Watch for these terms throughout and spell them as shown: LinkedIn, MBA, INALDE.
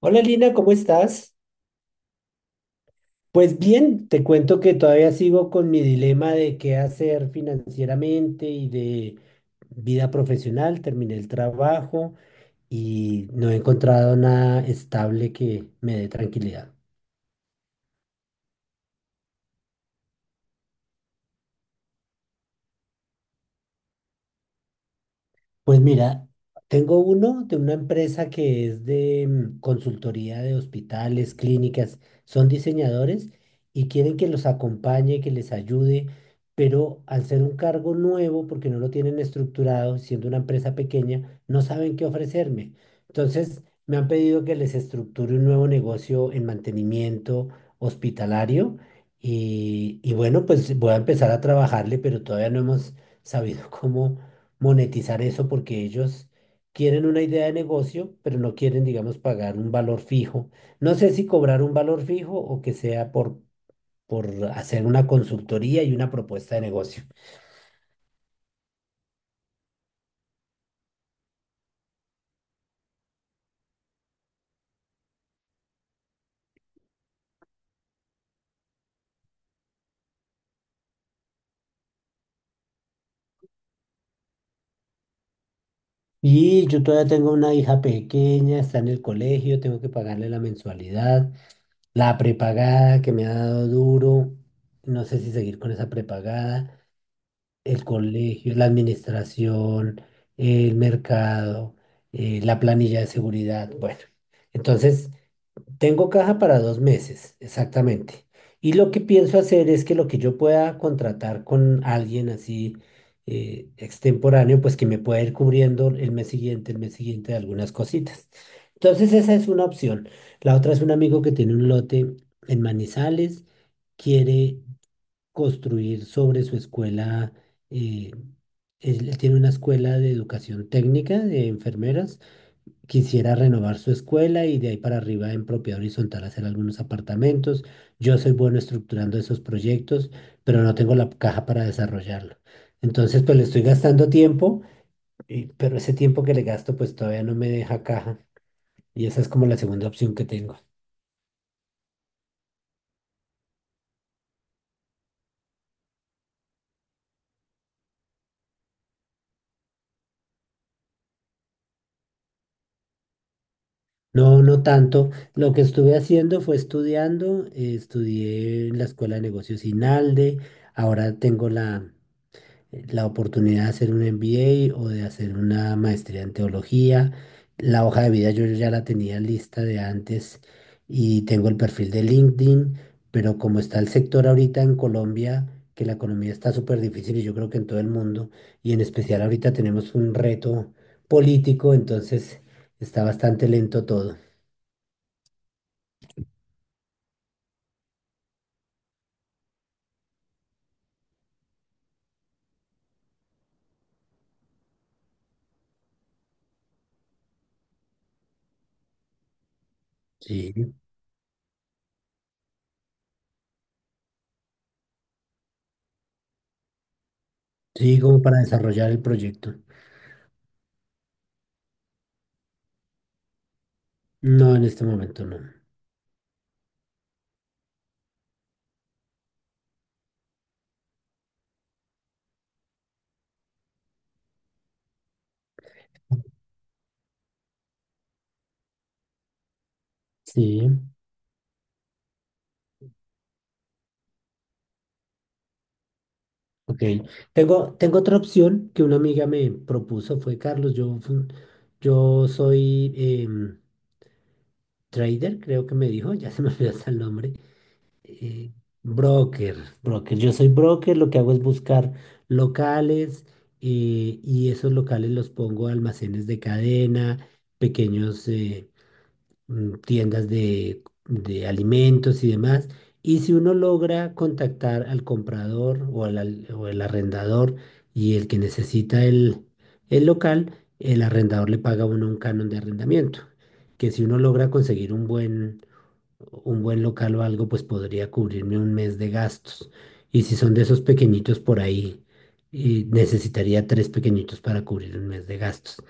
Hola Lina, ¿cómo estás? Pues bien, te cuento que todavía sigo con mi dilema de qué hacer financieramente y de vida profesional. Terminé el trabajo y no he encontrado nada estable que me dé tranquilidad. Pues mira, tengo uno de una empresa que es de consultoría de hospitales, clínicas, son diseñadores y quieren que los acompañe, que les ayude, pero al ser un cargo nuevo, porque no lo tienen estructurado, siendo una empresa pequeña, no saben qué ofrecerme. Entonces, me han pedido que les estructure un nuevo negocio en mantenimiento hospitalario y bueno, pues voy a empezar a trabajarle, pero todavía no hemos sabido cómo monetizar eso porque ellos quieren una idea de negocio, pero no quieren, digamos, pagar un valor fijo. No sé si cobrar un valor fijo o que sea por hacer una consultoría y una propuesta de negocio. Y yo todavía tengo una hija pequeña, está en el colegio, tengo que pagarle la mensualidad, la prepagada que me ha dado duro. No sé si seguir con esa prepagada. El colegio, la administración, el mercado, la planilla de seguridad. Bueno, entonces tengo caja para dos meses, exactamente. Y lo que pienso hacer es que lo que yo pueda contratar con alguien así extemporáneo, pues que me pueda ir cubriendo el mes siguiente de algunas cositas. Entonces esa es una opción. La otra es un amigo que tiene un lote en Manizales, quiere construir sobre su escuela. eh, Él tiene una escuela de educación técnica de enfermeras. Quisiera renovar su escuela y de ahí para arriba en propiedad horizontal hacer algunos apartamentos. Yo soy bueno estructurando esos proyectos, pero no tengo la caja para desarrollarlo. Entonces, pues le estoy gastando tiempo, pero ese tiempo que le gasto, pues todavía no me deja caja. Y esa es como la segunda opción que tengo. No, no tanto. Lo que estuve haciendo fue estudiando. Estudié en la Escuela de Negocios INALDE. Ahora tengo la oportunidad de hacer un MBA o de hacer una maestría en teología. La hoja de vida yo ya la tenía lista de antes y tengo el perfil de LinkedIn, pero como está el sector ahorita en Colombia, que la economía está súper difícil y yo creo que en todo el mundo, y en especial ahorita tenemos un reto político, entonces está bastante lento todo. Sí, sí, como para desarrollar el proyecto. No, en este momento no. Sí, ok. Tengo otra opción que una amiga me propuso, fue Carlos, yo, yo soy trader, creo que me dijo, ya se me olvidó hasta el nombre. eh, Broker, broker. Yo soy broker, lo que hago es buscar locales y esos locales los pongo a almacenes de cadena, pequeños... tiendas de alimentos y demás. Y si uno logra contactar al comprador o o el arrendador y el que necesita el local, el arrendador le paga a uno un canon de arrendamiento. Que si uno logra conseguir un un buen local o algo, pues podría cubrirme un mes de gastos. Y si son de esos pequeñitos por ahí, y necesitaría tres pequeñitos para cubrir un mes de gastos.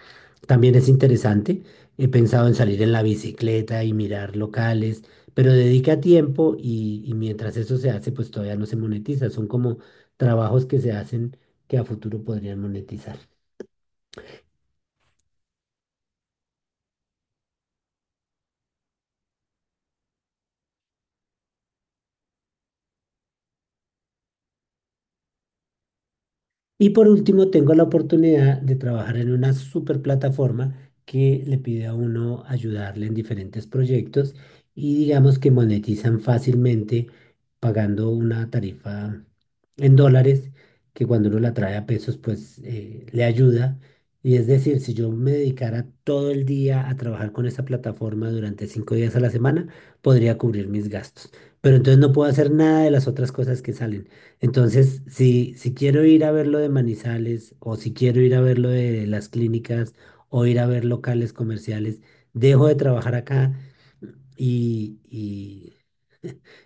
También es interesante. He pensado en salir en la bicicleta y mirar locales, pero dedica tiempo y mientras eso se hace, pues todavía no se monetiza. Son como trabajos que se hacen que a futuro podrían monetizar. Y por último, tengo la oportunidad de trabajar en una super plataforma que le pide a uno ayudarle en diferentes proyectos y digamos que monetizan fácilmente pagando una tarifa en dólares que cuando uno la trae a pesos pues le ayuda. Y es decir, si yo me dedicara todo el día a trabajar con esa plataforma durante cinco días a la semana, podría cubrir mis gastos. Pero entonces no puedo hacer nada de las otras cosas que salen. Entonces, si quiero ir a ver lo de Manizales o si quiero ir a ver lo de las clínicas o ir a ver locales comerciales, dejo de trabajar acá y,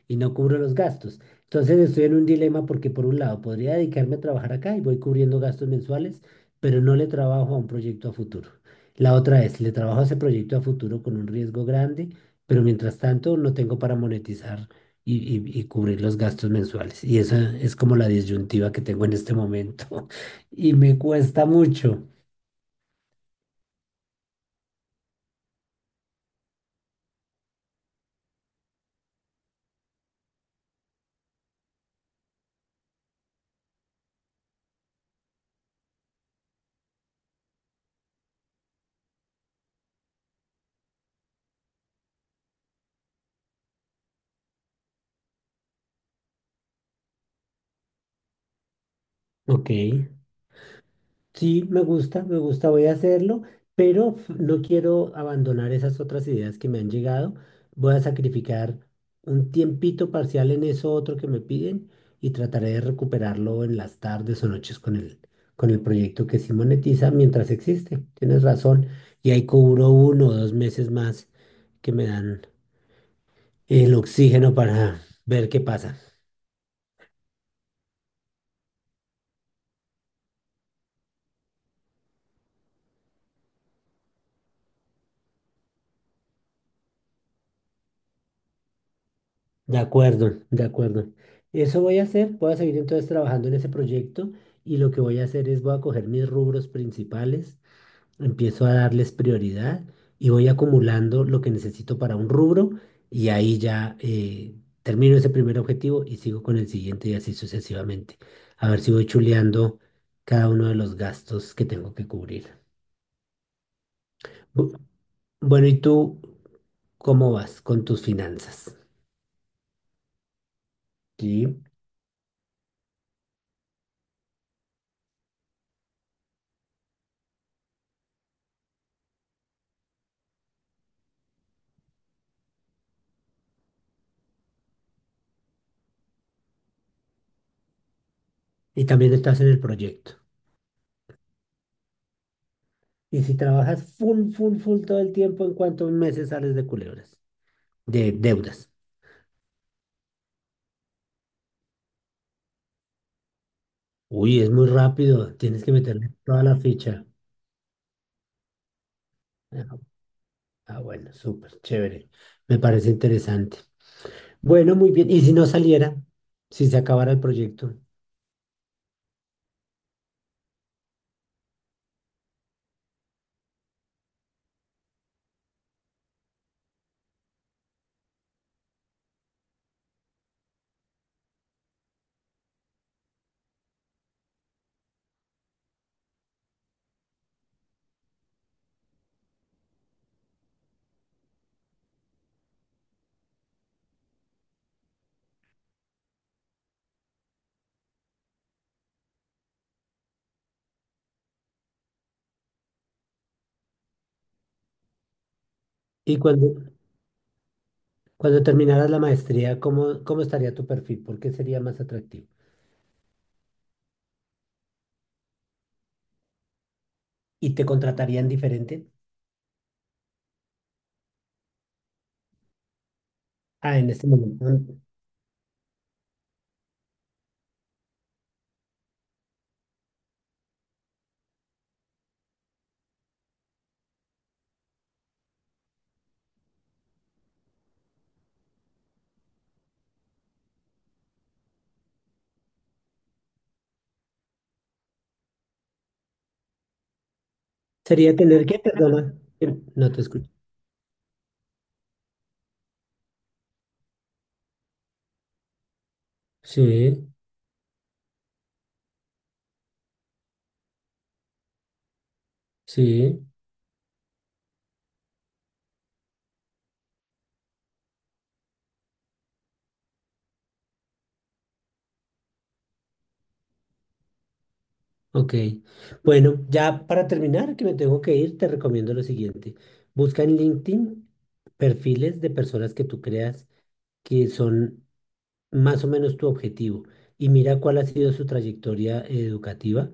y no cubro los gastos. Entonces estoy en un dilema porque por un lado podría dedicarme a trabajar acá y voy cubriendo gastos mensuales, pero no le trabajo a un proyecto a futuro. La otra es, le trabajo a ese proyecto a futuro con un riesgo grande, pero mientras tanto no tengo para monetizar y cubrir los gastos mensuales. Y esa es como la disyuntiva que tengo en este momento y me cuesta mucho. Ok. Sí, me gusta, voy a hacerlo, pero no quiero abandonar esas otras ideas que me han llegado. Voy a sacrificar un tiempito parcial en eso otro que me piden y trataré de recuperarlo en las tardes o noches con el proyecto que sí monetiza mientras existe. Tienes razón. Y ahí cubro uno o dos meses más que me dan el oxígeno para ver qué pasa. De acuerdo, de acuerdo. Eso voy a hacer, voy a seguir entonces trabajando en ese proyecto y lo que voy a hacer es voy a coger mis rubros principales, empiezo a darles prioridad y voy acumulando lo que necesito para un rubro y ahí ya termino ese primer objetivo y sigo con el siguiente y así sucesivamente. A ver si voy chuleando cada uno de los gastos que tengo que cubrir. Bu- Bueno, ¿y tú cómo vas con tus finanzas? Sí. Y también estás en el proyecto. Y si trabajas full, full, full todo el tiempo, ¿en cuántos meses sales de culebras? De deudas. Uy, es muy rápido. Tienes que meterle toda la ficha. Ah, ah, bueno, súper, chévere. Me parece interesante. Bueno, muy bien. ¿Y si no saliera? Si se acabara el proyecto. Y cuando terminaras la maestría, cómo estaría tu perfil? ¿Por qué sería más atractivo? ¿Y te contratarían diferente? Ah, en este momento. Sería tener que, perdona, no te escucho. Sí, sí. Ok. Bueno, ya para terminar, que me tengo que ir, te recomiendo lo siguiente. Busca en LinkedIn perfiles de personas que tú creas que son más o menos tu objetivo y mira cuál ha sido su trayectoria educativa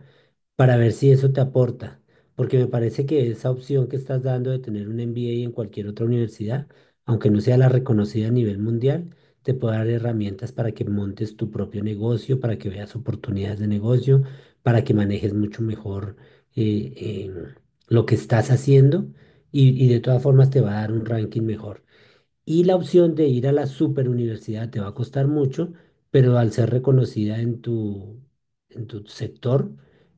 para ver si eso te aporta, porque me parece que esa opción que estás dando de tener un MBA en cualquier otra universidad, aunque no sea la reconocida a nivel mundial, te puede dar herramientas para que montes tu propio negocio, para que veas oportunidades de negocio, para que manejes mucho mejor eh, eh, lo que estás haciendo y de todas formas te va a dar un ranking mejor. Y la opción de ir a la superuniversidad te va a costar mucho, pero al ser reconocida en tu sector,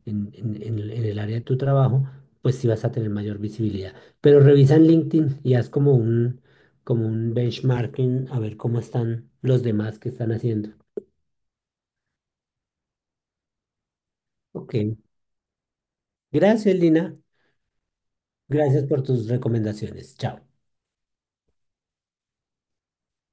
en el área de tu trabajo, pues sí vas a tener mayor visibilidad. Pero revisa en LinkedIn y haz como un benchmarking a ver cómo están los demás que están haciendo. Ok. Gracias, Lina. Gracias por tus recomendaciones. Chao.